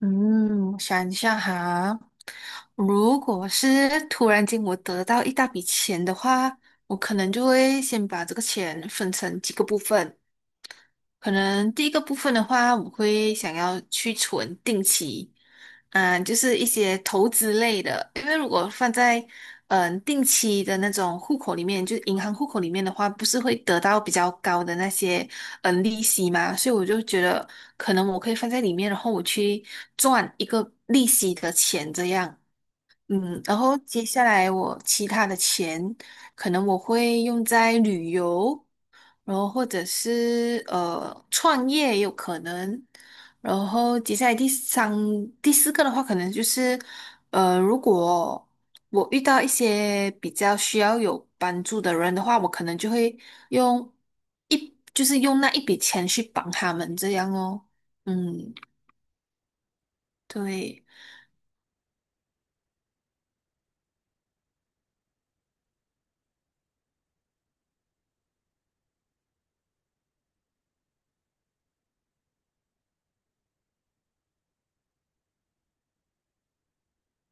嗯，我想一下哈，如果是突然间我得到一大笔钱的话，我可能就会先把这个钱分成几个部分，可能第一个部分的话，我会想要去存定期，就是一些投资类的，因为如果放在定期的那种户口里面，就是银行户口里面的话，不是会得到比较高的那些利息嘛，所以我就觉得可能我可以放在里面，然后我去赚一个利息的钱这样。然后接下来我其他的钱，可能我会用在旅游，然后或者是创业也有可能，然后接下来第三、第四个的话，可能就是如果我遇到一些比较需要有帮助的人的话，我可能就会用就是用那一笔钱去帮他们这样哦。嗯，对。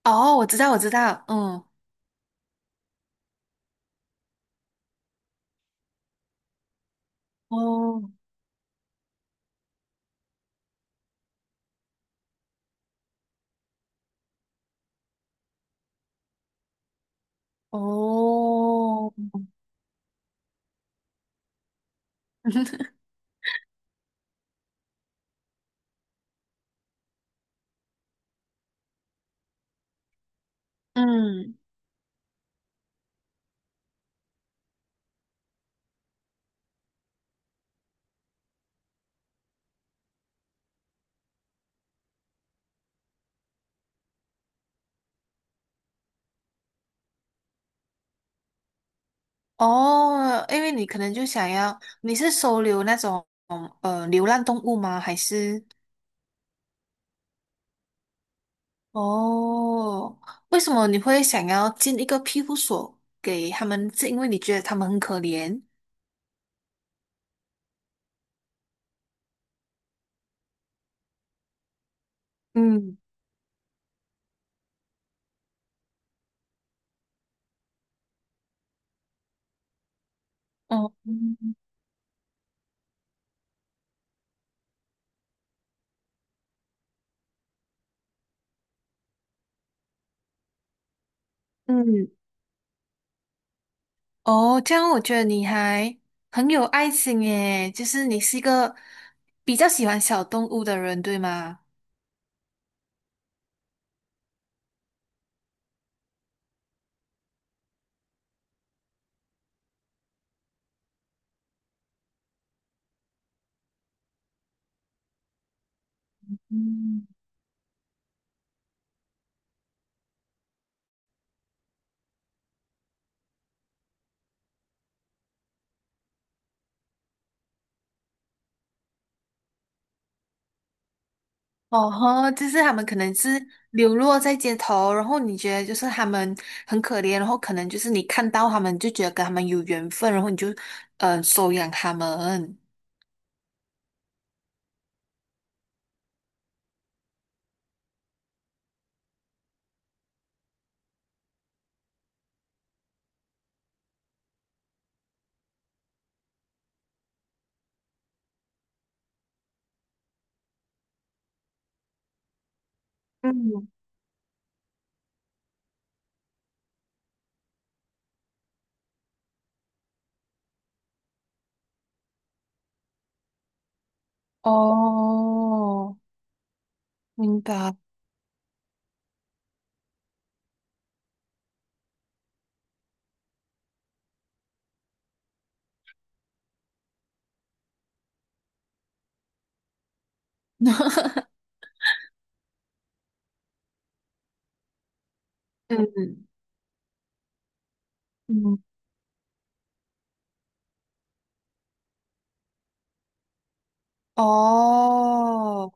哦，我知道，我知道，嗯。哦哦，嗯。哦，因为你可能就想要，你是收留那种流浪动物吗？还是哦，为什么你会想要建一个庇护所给他们？是因为你觉得他们很可怜？嗯哦，嗯。哦，这样我觉得你还很有爱心耶，就是你是一个比较喜欢小动物的人，对吗？嗯。哦吼，就是他们可能是流落在街头，然后你觉得就是他们很可怜，然后可能就是你看到他们就觉得跟他们有缘分，然后你就收养他们。嗯，哦，明白。嗯嗯，哦。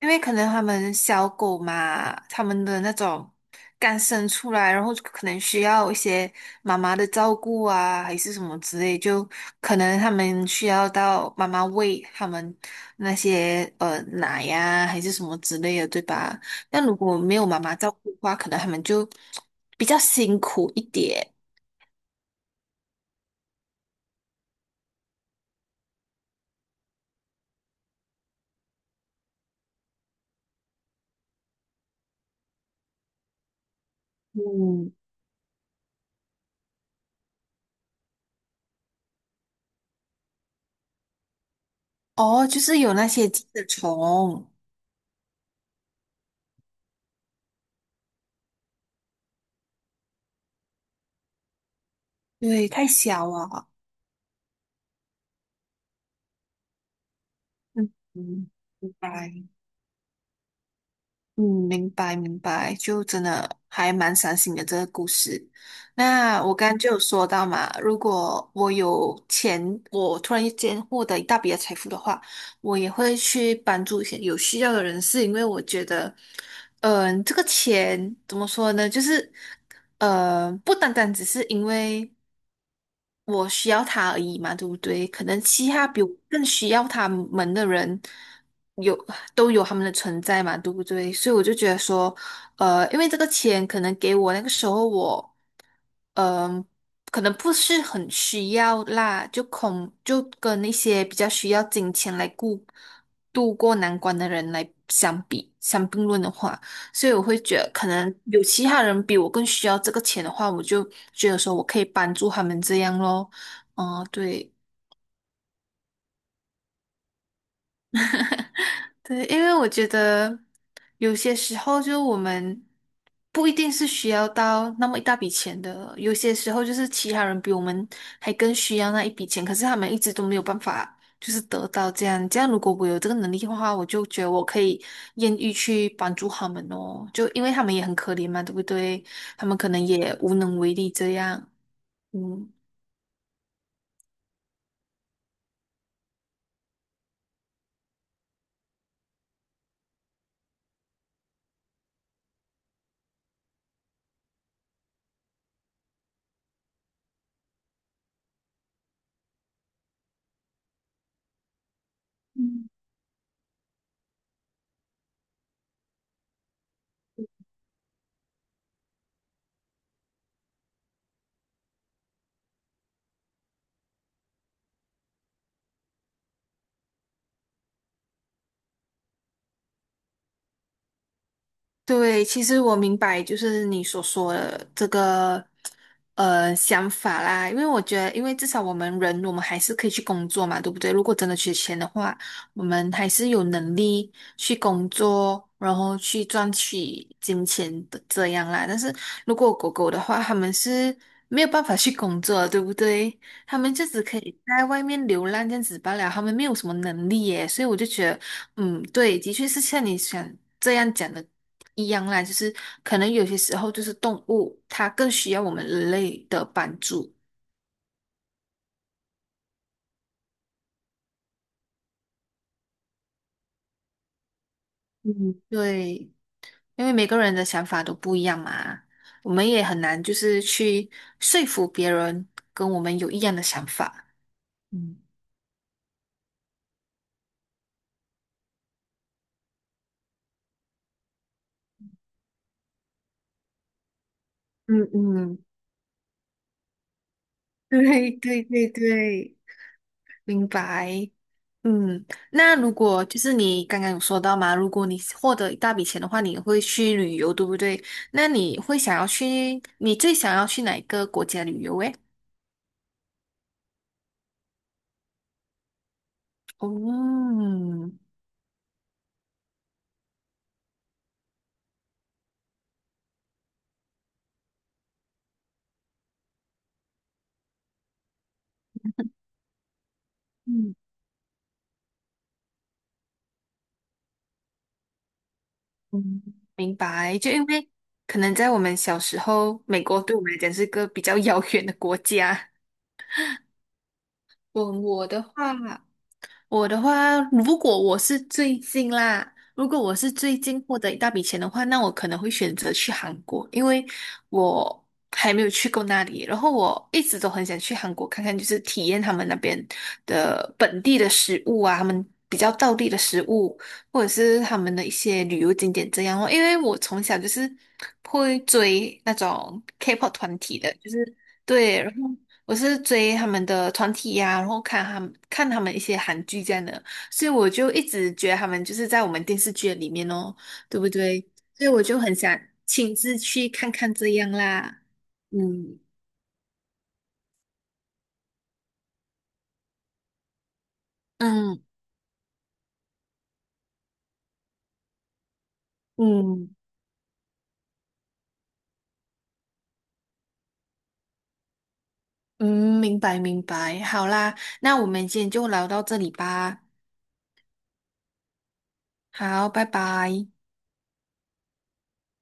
因为可能他们小狗嘛，他们的那种刚生出来，然后可能需要一些妈妈的照顾啊，还是什么之类，就可能他们需要到妈妈喂他们那些奶呀、还是什么之类的，对吧？但如果没有妈妈照顾的话，可能他们就比较辛苦一点。嗯，哦，就是有那些寄生虫，对，太小了。嗯嗯，拜白。嗯，明白明白，就真的还蛮伤心的这个故事。那我刚刚就有说到嘛，如果我有钱，我突然间获得一大笔的财富的话，我也会去帮助一些有需要的人士，因为我觉得，这个钱怎么说呢？就是，不单单只是因为。我需要他而已嘛，对不对？可能其他比我更需要他们的人有都有他们的存在嘛，对不对？所以我就觉得说，因为这个钱可能给我那个时候我，嗯、可能不是很需要啦，就跟那些比较需要金钱来顾度过难关的人来相并论的话。所以我会觉得，可能有其他人比我更需要这个钱的话，我就觉得说我可以帮助他们这样咯。嗯，对。对，因为我觉得有些时候，就我们不一定是需要到那么一大笔钱的，有些时候就是其他人比我们还更需要那一笔钱，可是他们一直都没有办法，就是得到这样。这样，如果我有这个能力的话，我就觉得我可以愿意去帮助他们哦，就因为他们也很可怜嘛，对不对？他们可能也无能为力这样。嗯。对，其实我明白，就是你所说的这个想法啦，因为我觉得，因为至少我们人，我们还是可以去工作嘛，对不对？如果真的缺钱的话，我们还是有能力去工作，然后去赚取金钱的这样啦。但是如果狗狗的话，他们是没有办法去工作的，对不对？他们就只可以在外面流浪这样子罢了，他们没有什么能力耶，所以我就觉得。嗯，对，的确是像你想这样讲的一样啦，就是可能有些时候就是动物它更需要我们人类的帮助。嗯对，因为每个人的想法都不一样嘛，我们也很难就是去说服别人跟我们有一样的想法。嗯嗯嗯，对对对对。明白。嗯，那如果就是你刚刚有说到嘛，如果你获得一大笔钱的话，你会去旅游，对不对？那你会想要去，你最想要去哪一个国家旅游？诶？哦，嗯嗯，明白。就因为可能在我们小时候，美国对我们来讲是个比较遥远的国家。我的话。我的话，如果我是最近啦，如果我是最近获得一大笔钱的话，那我可能会选择去韩国，因为我还没有去过那里，然后我一直都很想去韩国看看，就是体验他们那边的本地的食物啊，他们比较道地的食物，或者是他们的一些旅游景点这样哦。因为我从小就是会追那种 K-pop 团体的，就是对，然后。我是追他们的团体呀、然后看他们一些韩剧这样的，所以我就一直觉得他们就是在我们电视剧里面哦，对不对？所以我就很想亲自去看看这样啦。嗯嗯嗯嗯，明白明白，好啦，那我们今天就聊到这里吧，好，拜拜。